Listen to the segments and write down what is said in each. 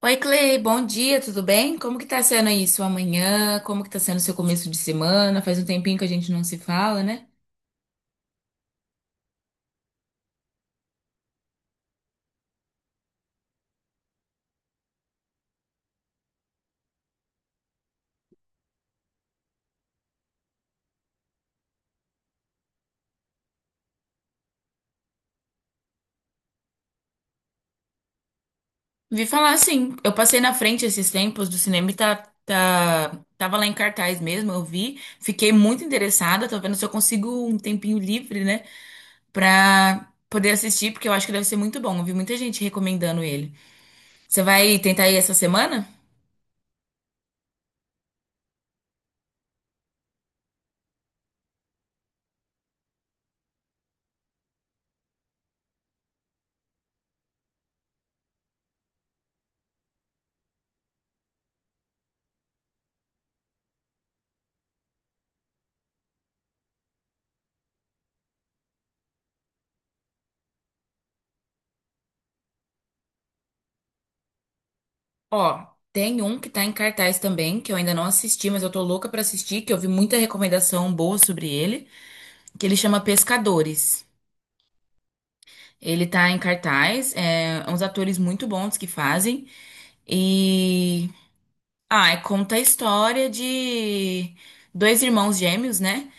Oi, Clay, bom dia, tudo bem? Como que tá sendo aí sua manhã? Como que tá sendo seu começo de semana? Faz um tempinho que a gente não se fala, né? Vi falar sim, eu passei na frente esses tempos do cinema e tá, tava lá em cartaz mesmo, eu vi, fiquei muito interessada, tô vendo se eu consigo um tempinho livre, né, pra poder assistir, porque eu acho que deve ser muito bom. Eu vi muita gente recomendando ele. Você vai tentar ir essa semana? Ó, tem um que tá em cartaz também, que eu ainda não assisti, mas eu tô louca pra assistir, que eu vi muita recomendação boa sobre ele, que ele chama Pescadores. Ele tá em cartaz, é uns atores muito bons que fazem, e... Ah, e conta a história de dois irmãos gêmeos, né?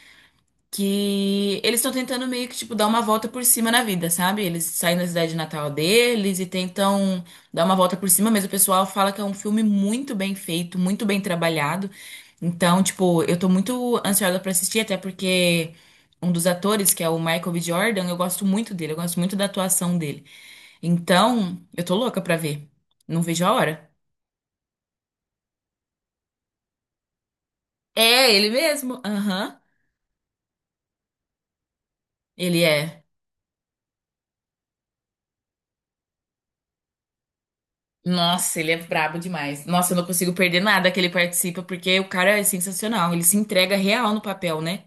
Que eles estão tentando meio que, tipo, dar uma volta por cima na vida, sabe? Eles saem da cidade natal deles e tentam dar uma volta por cima, mas o pessoal fala que é um filme muito bem feito, muito bem trabalhado. Então, tipo, eu tô muito ansiosa pra assistir, até porque um dos atores, que é o Michael B. Jordan, eu gosto muito dele, eu gosto muito da atuação dele. Então, eu tô louca pra ver. Não vejo a hora. É, ele mesmo. Aham. Ele é. Nossa, ele é brabo demais. Nossa, eu não consigo perder nada que ele participa, porque o cara é sensacional. Ele se entrega real no papel, né?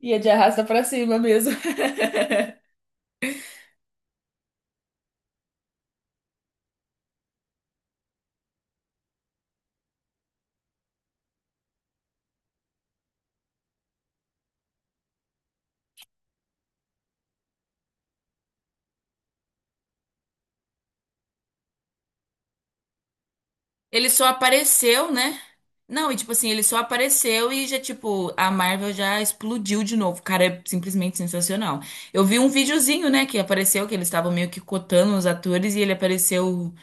E é de arrasta pra cima mesmo. Ele só apareceu, né? Não, e tipo assim, ele só apareceu e já, tipo, a Marvel já explodiu de novo. O cara é simplesmente sensacional. Eu vi um videozinho, né, que apareceu, que eles estavam meio que cotando os atores e ele apareceu,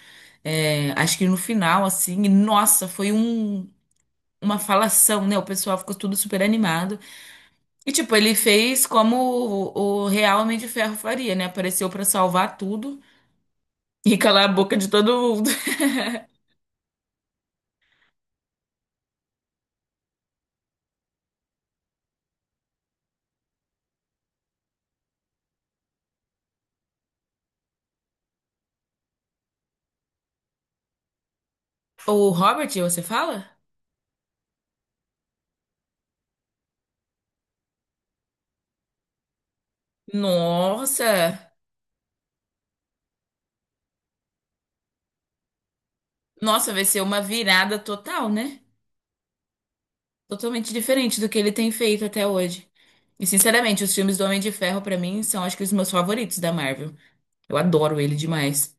acho que no final, assim, e nossa, foi um, uma falação, né? O pessoal ficou tudo super animado. E tipo, ele fez como o real Homem de Ferro faria, né? Apareceu pra salvar tudo e calar a boca de todo mundo. O Robert, você fala? Nossa! Nossa, vai ser uma virada total, né? Totalmente diferente do que ele tem feito até hoje. E sinceramente, os filmes do Homem de Ferro pra mim são acho que os meus favoritos da Marvel. Eu adoro ele demais.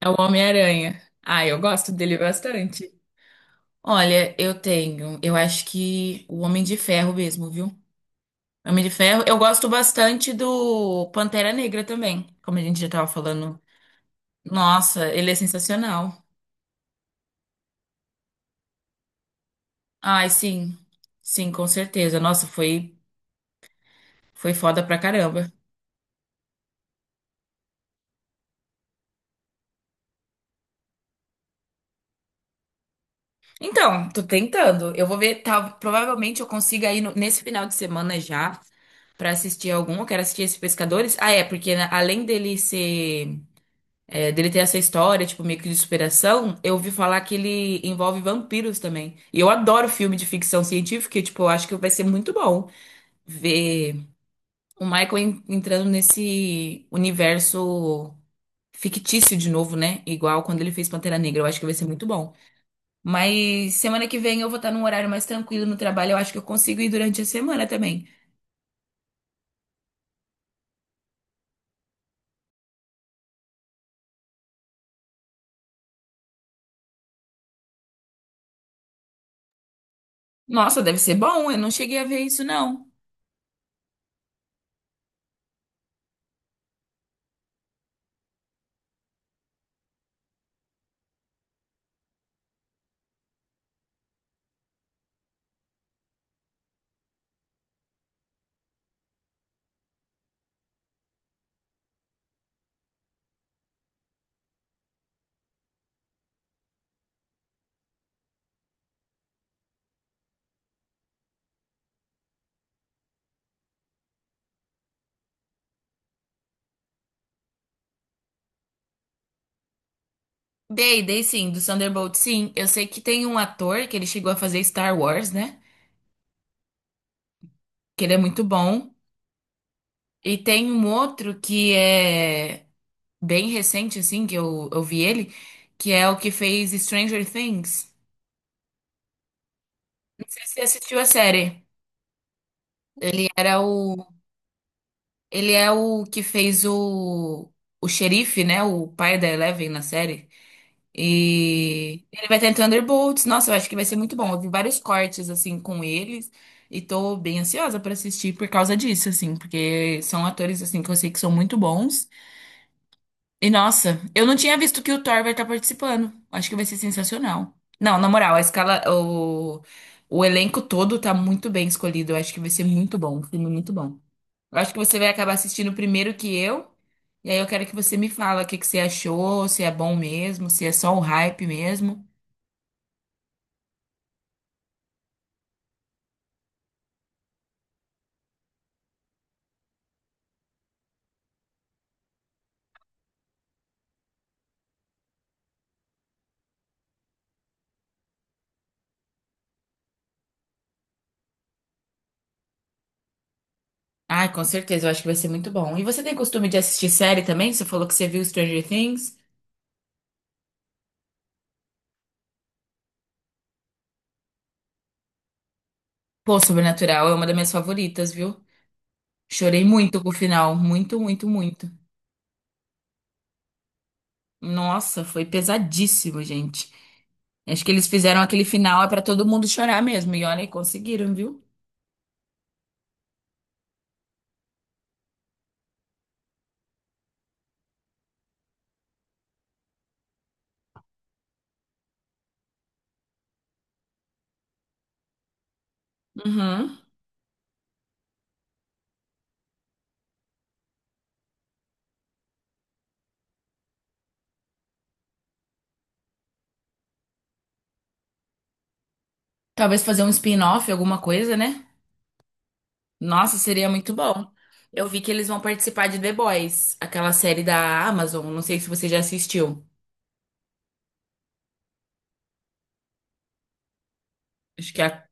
É o Homem-Aranha. Ah, eu gosto dele bastante. Olha, eu tenho, eu acho que o Homem de Ferro mesmo, viu? Homem de Ferro. Eu gosto bastante do Pantera Negra também, como a gente já tava falando. Nossa, ele é sensacional. Ai, sim. Sim, com certeza. Nossa, foi foda pra caramba. Então, tô tentando. Eu vou ver, tá, provavelmente eu consiga ir nesse final de semana já pra assistir algum. Eu quero assistir esse Pescadores. Ah, é, porque né, além dele ser dele ter essa história, tipo, meio que de superação, eu ouvi falar que ele envolve vampiros também. E eu adoro filme de ficção científica, e, tipo, eu acho que vai ser muito bom ver o entrando nesse universo fictício de novo, né? Igual quando ele fez Pantera Negra, eu acho que vai ser muito bom. Mas semana que vem eu vou estar num horário mais tranquilo no trabalho, eu acho que eu consigo ir durante a semana também. Nossa, deve ser bom, eu não cheguei a ver isso, não. Dei, dei sim, do Thunderbolt, sim. Eu sei que tem um ator que ele chegou a fazer Star Wars, né? Que ele é muito bom. E tem um outro que é bem recente, assim, que eu vi ele, que é o que fez Stranger Things. Não sei se você assistiu a série. Ele era o. Ele é o que fez o. O xerife, né? O pai da Eleven na série. E ele vai estar em Thunderbolts. Nossa, eu acho que vai ser muito bom. Eu vi vários cortes, assim, com eles. E tô bem ansiosa pra assistir por causa disso, assim. Porque são atores, assim, que eu sei que são muito bons. E nossa, eu não tinha visto que o Thor vai estar participando. Acho que vai ser sensacional. Não, na moral, a escala, o elenco todo tá muito bem escolhido. Eu acho que vai ser muito bom, um filme muito bom. Eu acho que você vai acabar assistindo primeiro que eu. E aí eu quero que você me fala o que que você achou, se é bom mesmo, se é só um hype mesmo. Ai, com certeza, eu acho que vai ser muito bom. E você tem costume de assistir série também? Você falou que você viu Stranger Things? Pô, Sobrenatural é uma das minhas favoritas, viu? Chorei muito com o final, muito, muito, muito. Nossa, foi pesadíssimo, gente. Acho que eles fizeram aquele final é pra todo mundo chorar mesmo. E olha, conseguiram, viu? Uhum. Talvez fazer um spin-off, alguma coisa, né? Nossa, seria muito bom. Eu vi que eles vão participar de The Boys, aquela série da Amazon. Não sei se você já assistiu. Acho que é a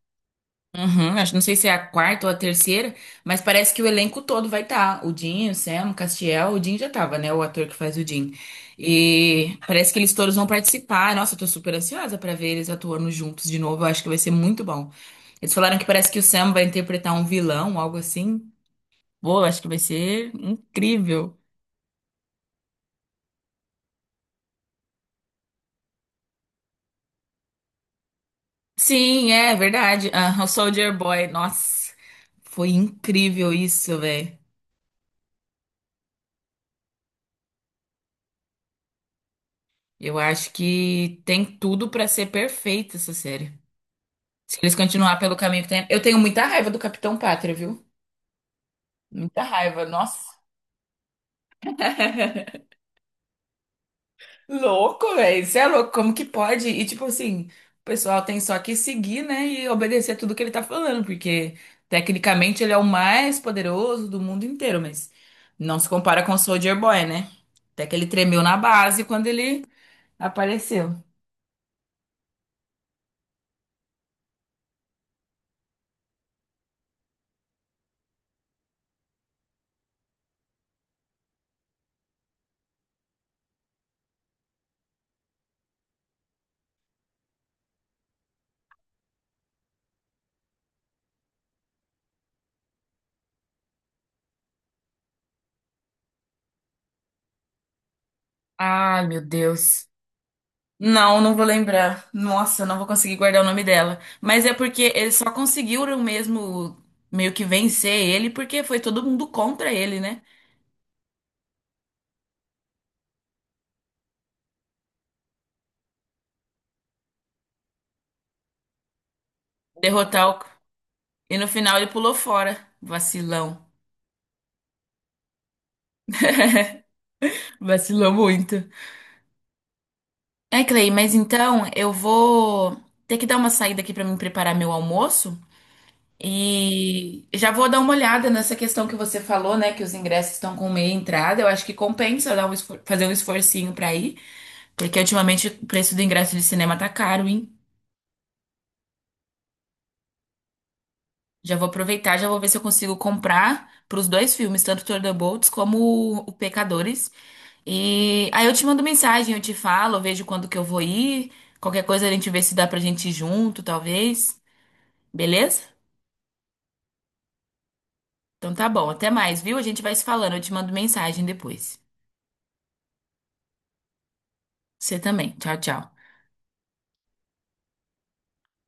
Uhum, acho, não sei se é a quarta ou a terceira, mas parece que o elenco todo vai estar. O Dinho, o Sam, o Castiel, o Dinho já tava, né? O ator que faz o Dinho. E parece que eles todos vão participar. Nossa, eu tô super ansiosa pra ver eles atuando juntos de novo. Eu acho que vai ser muito bom. Eles falaram que parece que o Sam vai interpretar um vilão, algo assim. Pô, eu acho que vai ser incrível. Sim, é verdade. Ah, o Soldier Boy, nossa, foi incrível isso, velho. Eu acho que tem tudo pra ser perfeita essa série. Se eles continuar pelo caminho que tem. Eu tenho muita raiva do Capitão Pátria, viu? Muita raiva, nossa. Louco, velho. Isso é louco. Como que pode? E tipo assim, o pessoal tem só que seguir, né? E obedecer tudo que ele tá falando, porque tecnicamente ele é o mais poderoso do mundo inteiro, mas não se compara com o Soldier Boy, né? Até que ele tremeu na base quando ele apareceu. Ai, meu Deus. Não, não vou lembrar. Nossa, eu não vou conseguir guardar o nome dela. Mas é porque eles só conseguiram mesmo meio que vencer ele porque foi todo mundo contra ele, né? Derrotar o... E no final ele pulou fora. Vacilão. Vacilou muito. É, Clay, mas então eu vou ter que dar uma saída aqui pra mim preparar meu almoço e já vou dar uma olhada nessa questão que você falou, né, que os ingressos estão com meia entrada. Eu acho que compensa dar um fazer um esforcinho pra ir. Porque ultimamente o preço do ingresso de cinema tá caro, hein? Já vou aproveitar, já vou ver se eu consigo comprar pros dois filmes, tanto Thunderbolts como o Pecadores. E aí eu te mando mensagem, eu te falo, eu vejo quando que eu vou ir. Qualquer coisa a gente vê se dá pra gente ir junto, talvez. Beleza? Então tá bom, até mais, viu? A gente vai se falando, eu te mando mensagem depois. Você também. Tchau, tchau.